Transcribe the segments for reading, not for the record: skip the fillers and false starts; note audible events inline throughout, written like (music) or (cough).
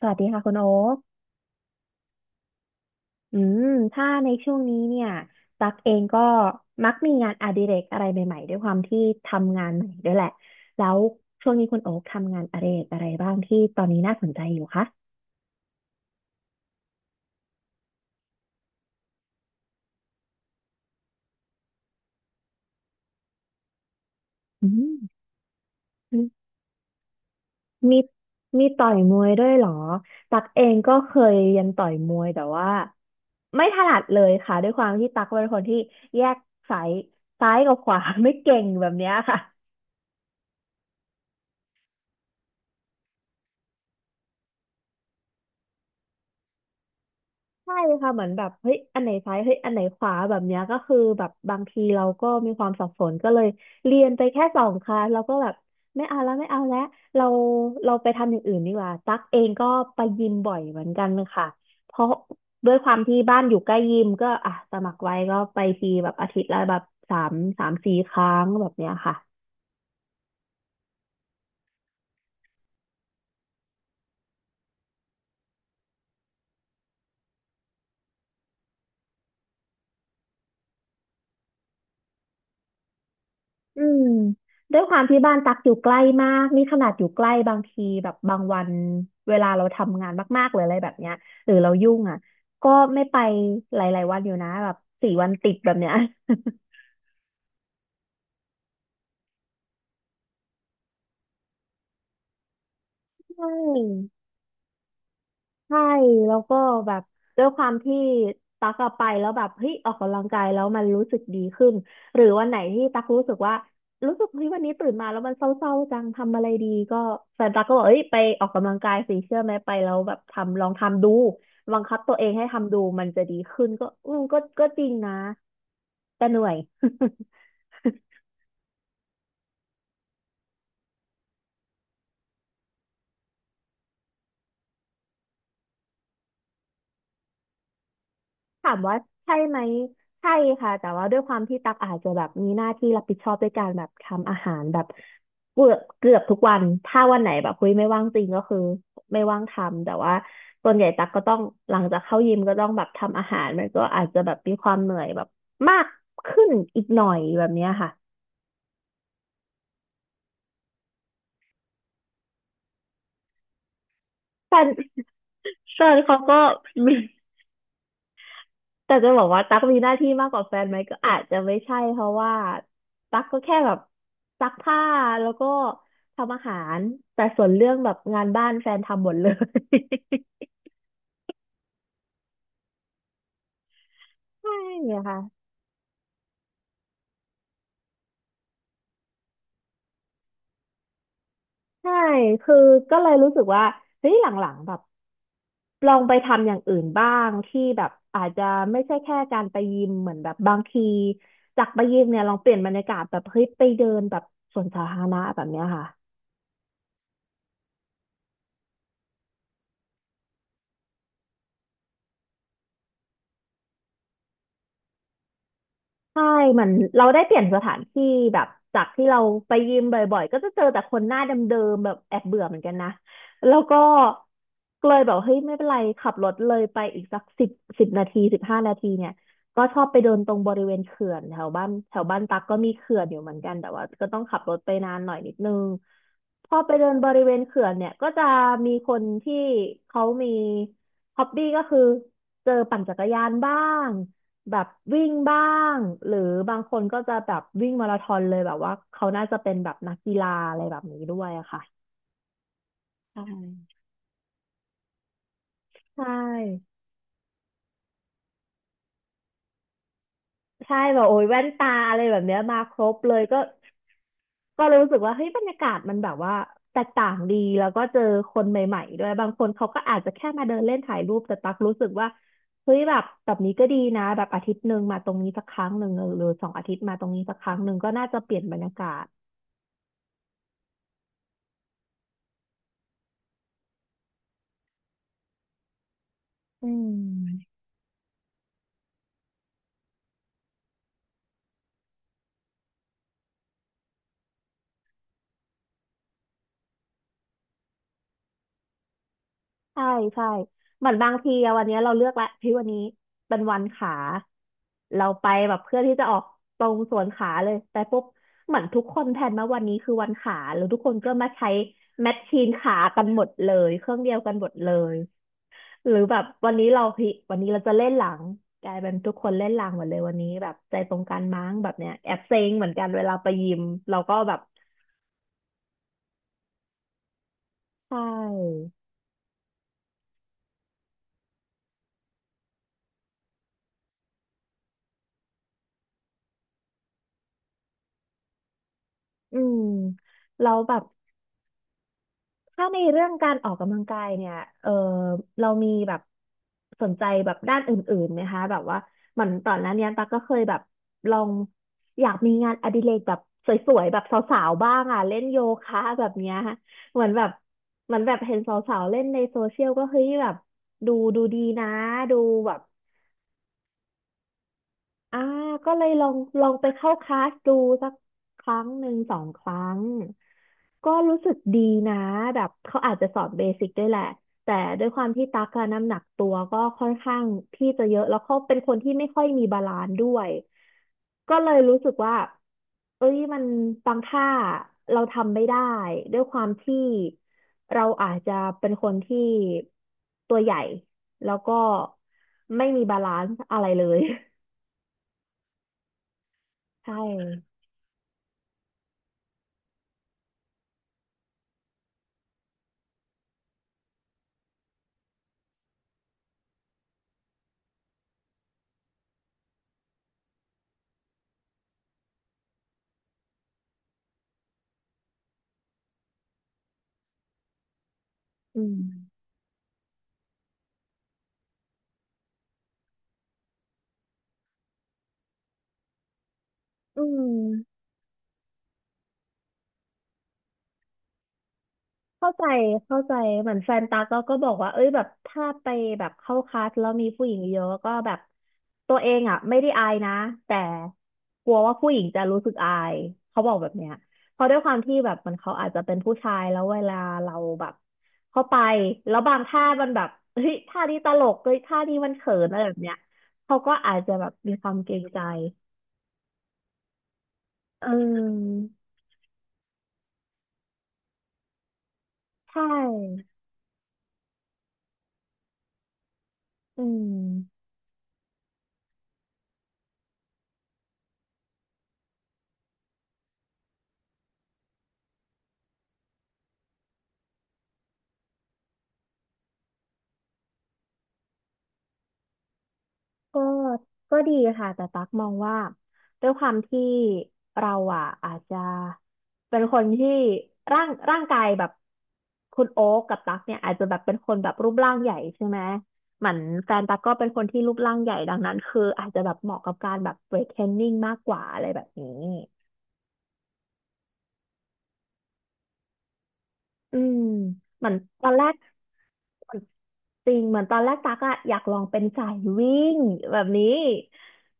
สวัสดีค่ะคุณโอ๊คอืมถ้าในช่วงนี้เนี่ยตักเองก็มักมีงานอดิเรกอะไรใหม่ๆด้วยความที่ทำงานใหม่ด้วยแหละแล้วช่วงนี้คุณโอ๊คทำงานอดิเรกอะไรบ้างที่ตอนนี้น่าสนใจอยู่คะอืมมีมีต่อยมวยด้วยเหรอตักเองก็เคยเรียนต่อยมวยแต่ว่าไม่ถนัดเลยค่ะด้วยความที่ตักเป็นคนที่แยกสายซ้ายกับขวา (laughs) ไม่เก่งแบบเนี้ยค่ะ ใช่ค่ะเหมือนแบบเฮ้ยอันไหนซ้ายเฮ้ยอันไหนขวาแบบเนี้ยก็คือแบบบางทีเราก็มีความสับสนก็เลยเรียนไปแค่2 คลาสเราก็แบบไม่เอาแล้วไม่เอาแล้วเราเราไปทำอย่างอื่นดีกว่าตั๊กเองก็ไปยิมบ่อยเหมือนกันค่ะเพราะด้วยความที่บ้านอยู่ใกล้ยิมก็อ่ะสมัครไว้ก็ไปทีแบบอาทิตย์ละแบบสามสี่ครั้งแบบเนี้ยค่ะ อืมด้วยความที่บ้านตักอยู่ใกล้มากนี่ขนาดอยู่ใกล้บางทีแบบบางวันเวลาเราทำงานมากๆหรืออะไรแบบเนี้ยหรือเรายุ่งอ่ะก็ไม่ไปหลายๆวันอยู่นะแบบ4 วันติดแบบเนี้ย (laughs) ใช่ ใช่แล้วก็แบบด้วยความที่ตักอะไปแล้วแบบเฮ้ยออกกำลังกายแล้วมันรู้สึกดีขึ้นหรือวันไหนที่ตักรู้สึกว่ารู้สึกเฮ้ยวันนี้ตื่นมาแล้วมันเศร้าๆจังทำอะไรดีก็แฟนตักก็บอกเอ้ยไปออกกำลังกายสิเชื่อไหมไปแล้วแบบทำลองทำดูบังคับตัวเองให้ทำดูมันจะดีขึ้นก็ก็จริงนะแต่เหนื่อย (laughs) ถามว่าใช่ไหมใช่ค่ะแต่ว่าด้วยความที่ตักอาจจะแบบมีหน้าที่รับผิดชอบด้วยการแบบทำอาหารแบบเกือบทุกวันถ้าวันไหนแบบคุยไม่ว่างจริงก็คือไม่ว่างทำแต่ว่าส่วนใหญ่ตักก็ต้องหลังจากเข้ายิมก็ต้องแบบทำอาหารมันก็อาจจะแบบมีความเหนื่อยแบบมากขึ้นอีกหน่อยแบบเนี้ยค่ะแฟน (laughs) แฟนเขาก็มี แต่จะบอกว่าตั๊กมีหน้าที่มากกว่าแฟนไหมก็อาจจะไม่ใช่เพราะว่าตั๊กก็แค่แบบซักผ้าแล้วก็ทำอาหารแต่ส่วนเรื่องแบบงานบ้านแฟนทำหมดเลย (laughs) ใช่อะค่ะใช่คือก็เลยรู้สึกว่าเฮ้ยหลังๆแบบลองไปทำอย่างอื่นบ้างที่แบบอาจจะไม่ใช่แค่การไปยิมเหมือนแบบบางทีจากไปยิมเนี่ยลองเปลี่ยนบรรยากาศแบบเฮ้ยไปเดินแบบสวนสาธารณะแบบเนี้ยค่ะ ใช่เหมือนเราได้เปลี่ยนสถานที่แบบจากที่เราไปยิมบ่อยๆก็จะเจอแต่คนหน้าเดิมๆแบบแอบเบื่อเหมือนกันนะแล้วก็เลยแบบเฮ้ยไม่เป็นไรขับรถเลยไปอีกสักสิบนาที15 นาทีเนี่ยก็ชอบไปเดินตรงบริเวณเขื่อนแถวบ้านแถวบ้านตักก็มีเขื่อนอยู่เหมือนกันแต่ว่าก็ต้องขับรถไปนานหน่อยนิดนึงพอไปเดินบริเวณเขื่อนเนี่ยก็จะมีคนที่เขามีฮ็อบบี้ก็คือเจอปั่นจักรยานบ้าง แบบวิ่งบ้างหรือบางคนก็จะแบบวิ่งมาราธอนเลยแบบว่าเขาน่าจะเป็นแบบนักกีฬาอะไรแบบนี้ด้วยอะค่ะใช่ใช่ใช่แบบโอ้ยแว่นตาอะไรแบบเนี้ยมาครบเลยก็ก็รู้สึกว่าเฮ้ยบรรยากาศมันแบบว่าแตกต่างดีแล้วก็เจอคนใหม่ๆด้วยบางคนเขาก็อาจจะแค่มาเดินเล่นถ่ายรูปแต่ตักรู้สึกว่าเฮ้ยแบบแบบนี้ก็ดีนะแบบอาทิตย์หนึ่งมาตรงนี้สักครั้งหนึ่งหรือสองอาทิตย์มาตรงนี้สักครั้งหนึ่งก็น่าจะเปลี่ยนบรรยากาศอืม ใช่ใช่เหมือนบางทีอะวันเนี้ยเราเลือกละพี่วันนี้เป็นวันขาเราไปแบบเพื่อที่จะออกตรงส่วนขาเลยแต่ปุ๊บเหมือนทุกคนแพลนมาวันนี้คือวันขาแล้วทุกคนก็มาใช้แมชชีนขากันหมดเลยเครื่องเดียวกันหมดเลยหรือแบบวันนี้เราพี่วันนี้เราจะเล่นหลังกลายเป็นทุกคนเล่นหลังหมดเลยวันนี้แบบใจตรงกันมั้งแบบเนี้ยแอบเซ็งเหมือนกันเวลาไปยิมเราก็แบบใช่อืมเราแล้วแบบ ถ้าในเรื่องการออกกำลังกายเนี่ยเออเรามีแบบสนใจแบบด้านอื่นๆไหมคะแบบว่าเหมือนตอนนั้นเนี่ยตั๊กก็เคยแบบลองอยากมีงานอดิเรกแบบสวยๆแบบสาวๆบ้างอ่ะเล่นโยคะแบบเนี้ยเหมือนแบบเหมือนแบบเห็นสาวๆเล่นในโซเชียลก็เฮ้ยแบบดูดูดีนะดูแบบ อ่าก็เลยลองไปเข้าคลาสดูสักครั้งหนึ่งสองครั้ง ก็รู้สึกดีนะแบบเขาอาจจะสอนเบสิกด้วยแหละแต่ด้วยความที่ตักอะน้ำหนักตัวก็ค่อนข้างที่จะเยอะแล้วเขาเป็นคนที่ไม่ค่อยมีบาลานซ์ด้วยก็เลยรู้สึกว่าเอ้ยมันบางท่าเราทำไม่ได้ด้วยความที่เราอาจจะเป็นคนที่ตัวใหญ่แล้วก็ไม่มีบาลานซ์อะไรเลย ใช่อืมอืมเข้าใจเข้าใจเหมือนแฟนตาก็บอกว่าเอ้ยแบบถ้าไปแบบเข้าคลาสแล้วมีผู้หญิงเยอะก็แบบตัวเองอ่ะไม่ได้อายนะแต่กลัวว่าผู้หญิงจะรู้สึกอายเขาบอกแบบเนี้ยเพราะด้วยความที่แบบมันเขาอาจจะเป็นผู้ชายแล้วเวลาเราแบบเข้าไปแล้วบางท่ามันแบบเฮ้ยท่านี้ตลกเฮ้ยท่านี้มันเขินอะไรแบบเนี้ยเขาก็อาจจะแบบมีความเกรงใจเออใช่อืม ก็ก็ดีค่ะแต่ตักมองว่าด้วยความที่เราอ่ะอาจจะเป็นคนที่ร่างกายแบบคุณโอ๊กกับตักเนี่ยอาจจะแบบเป็นคนแบบรูปร่างใหญ่ใช่ไหมเหมือนแฟนตักก็เป็นคนที่รูปร่างใหญ่ดังนั้นคืออาจจะแบบเหมาะกับการแบบเวทเทรนนิ่งมากกว่าอะไรแบบนี้อืมเหมือนตอนแรก จริงเหมือนตอนแรกตักอะอยากลองเป็นสายวิ่งแบบนี้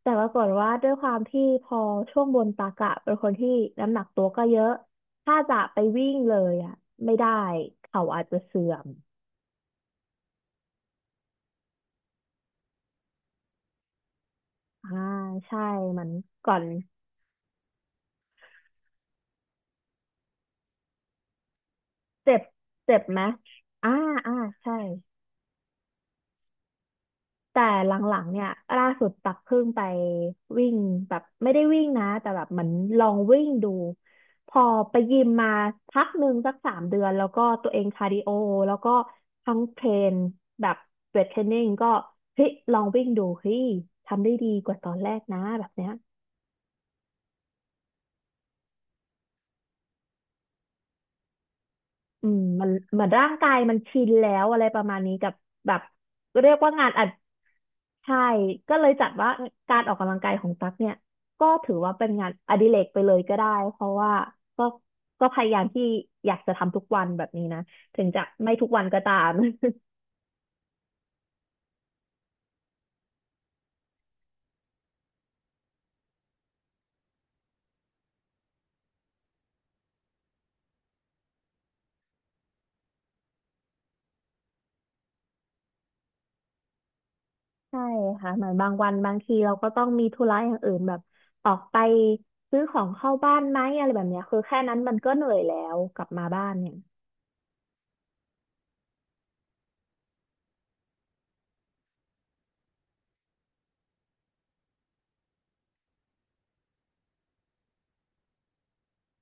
แต่ปรากฏว่าด้วยความที่พอช่วงบนตักอะเป็นคนที่น้ำหนักตัวก็เยอะถ้าจะไปวิ่งเลยอะไม่ได้เข่าอาจจะเสื่อมอ่าใช่มันก่อนเจ็บเจ็บไหมอ่าอ่าใช่ แต่หลังๆเนี่ยล่าสุดตักเพิ่งไปวิ่งแบบไม่ได้วิ่งนะแต่แบบเหมือนลองวิ่งดูพอไปยิมมาพักหนึ่งสัก3 เดือนแล้วก็ตัวเองคาร์ดิโอแล้วก็ทั้งเทรนแบบเวทเทรนนิ่งก็เฮ้ยลองวิ่งดูเฮ้ยทำได้ดีกว่าตอนแรกนะแบบเนี้ย อืมมันเหมือนร่างกายมันชินแล้วอะไรประมาณนี้กับแบบเรียกว่างานอัดใช่ก็เลยจัดว่าการออกกำลังกายของตั๊กเนี่ยก็ถือว่าเป็นงานอดิเรกไปเลยก็ได้เพราะว่าก็ก็พยายามที่อยากจะทำทุกวันแบบนี้นะถึงจะไม่ทุกวันก็ตามใช่ค่ะเหมือนบางวันบางทีเราก็ต้องมีธุระอย่างอื่นแบบออกไปซื้อของเข้าบ้านไหมอะไรแบบเนี้ยคือแค่นั้นมันก็เหนื่อยแล้วกลับมาบ้านเนี่ย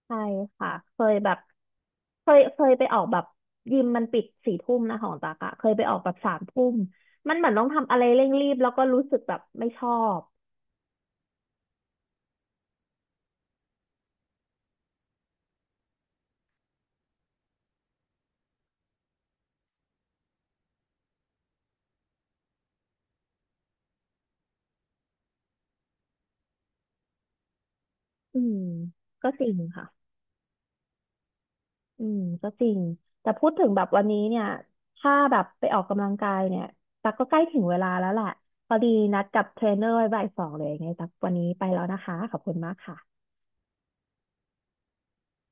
ใช่ค่ะเคยแบบเคยไปออกแบบยิมมันปิดสี่ทุ่มนะของตักอะเคยไปออกแบบสามทุ่มมันเหมือนต้องทำอะไรเร่งรีบแล้วก็รู้สึกแบบไม่ชอบอืมก็จริงค่ะอืมก็จริงแต่พูดถึงแบบวันนี้เนี่ยถ้าแบบไปออกกำลังกายเนี่ยตักก็ใกล้ถึงเวลาแล้วแหละพอดีนัดกับเทรนเนอร์ไว้บ่าย 2เลยไงตักวันนี้ไปแล้วนะคะขอบคุณมากค่ะ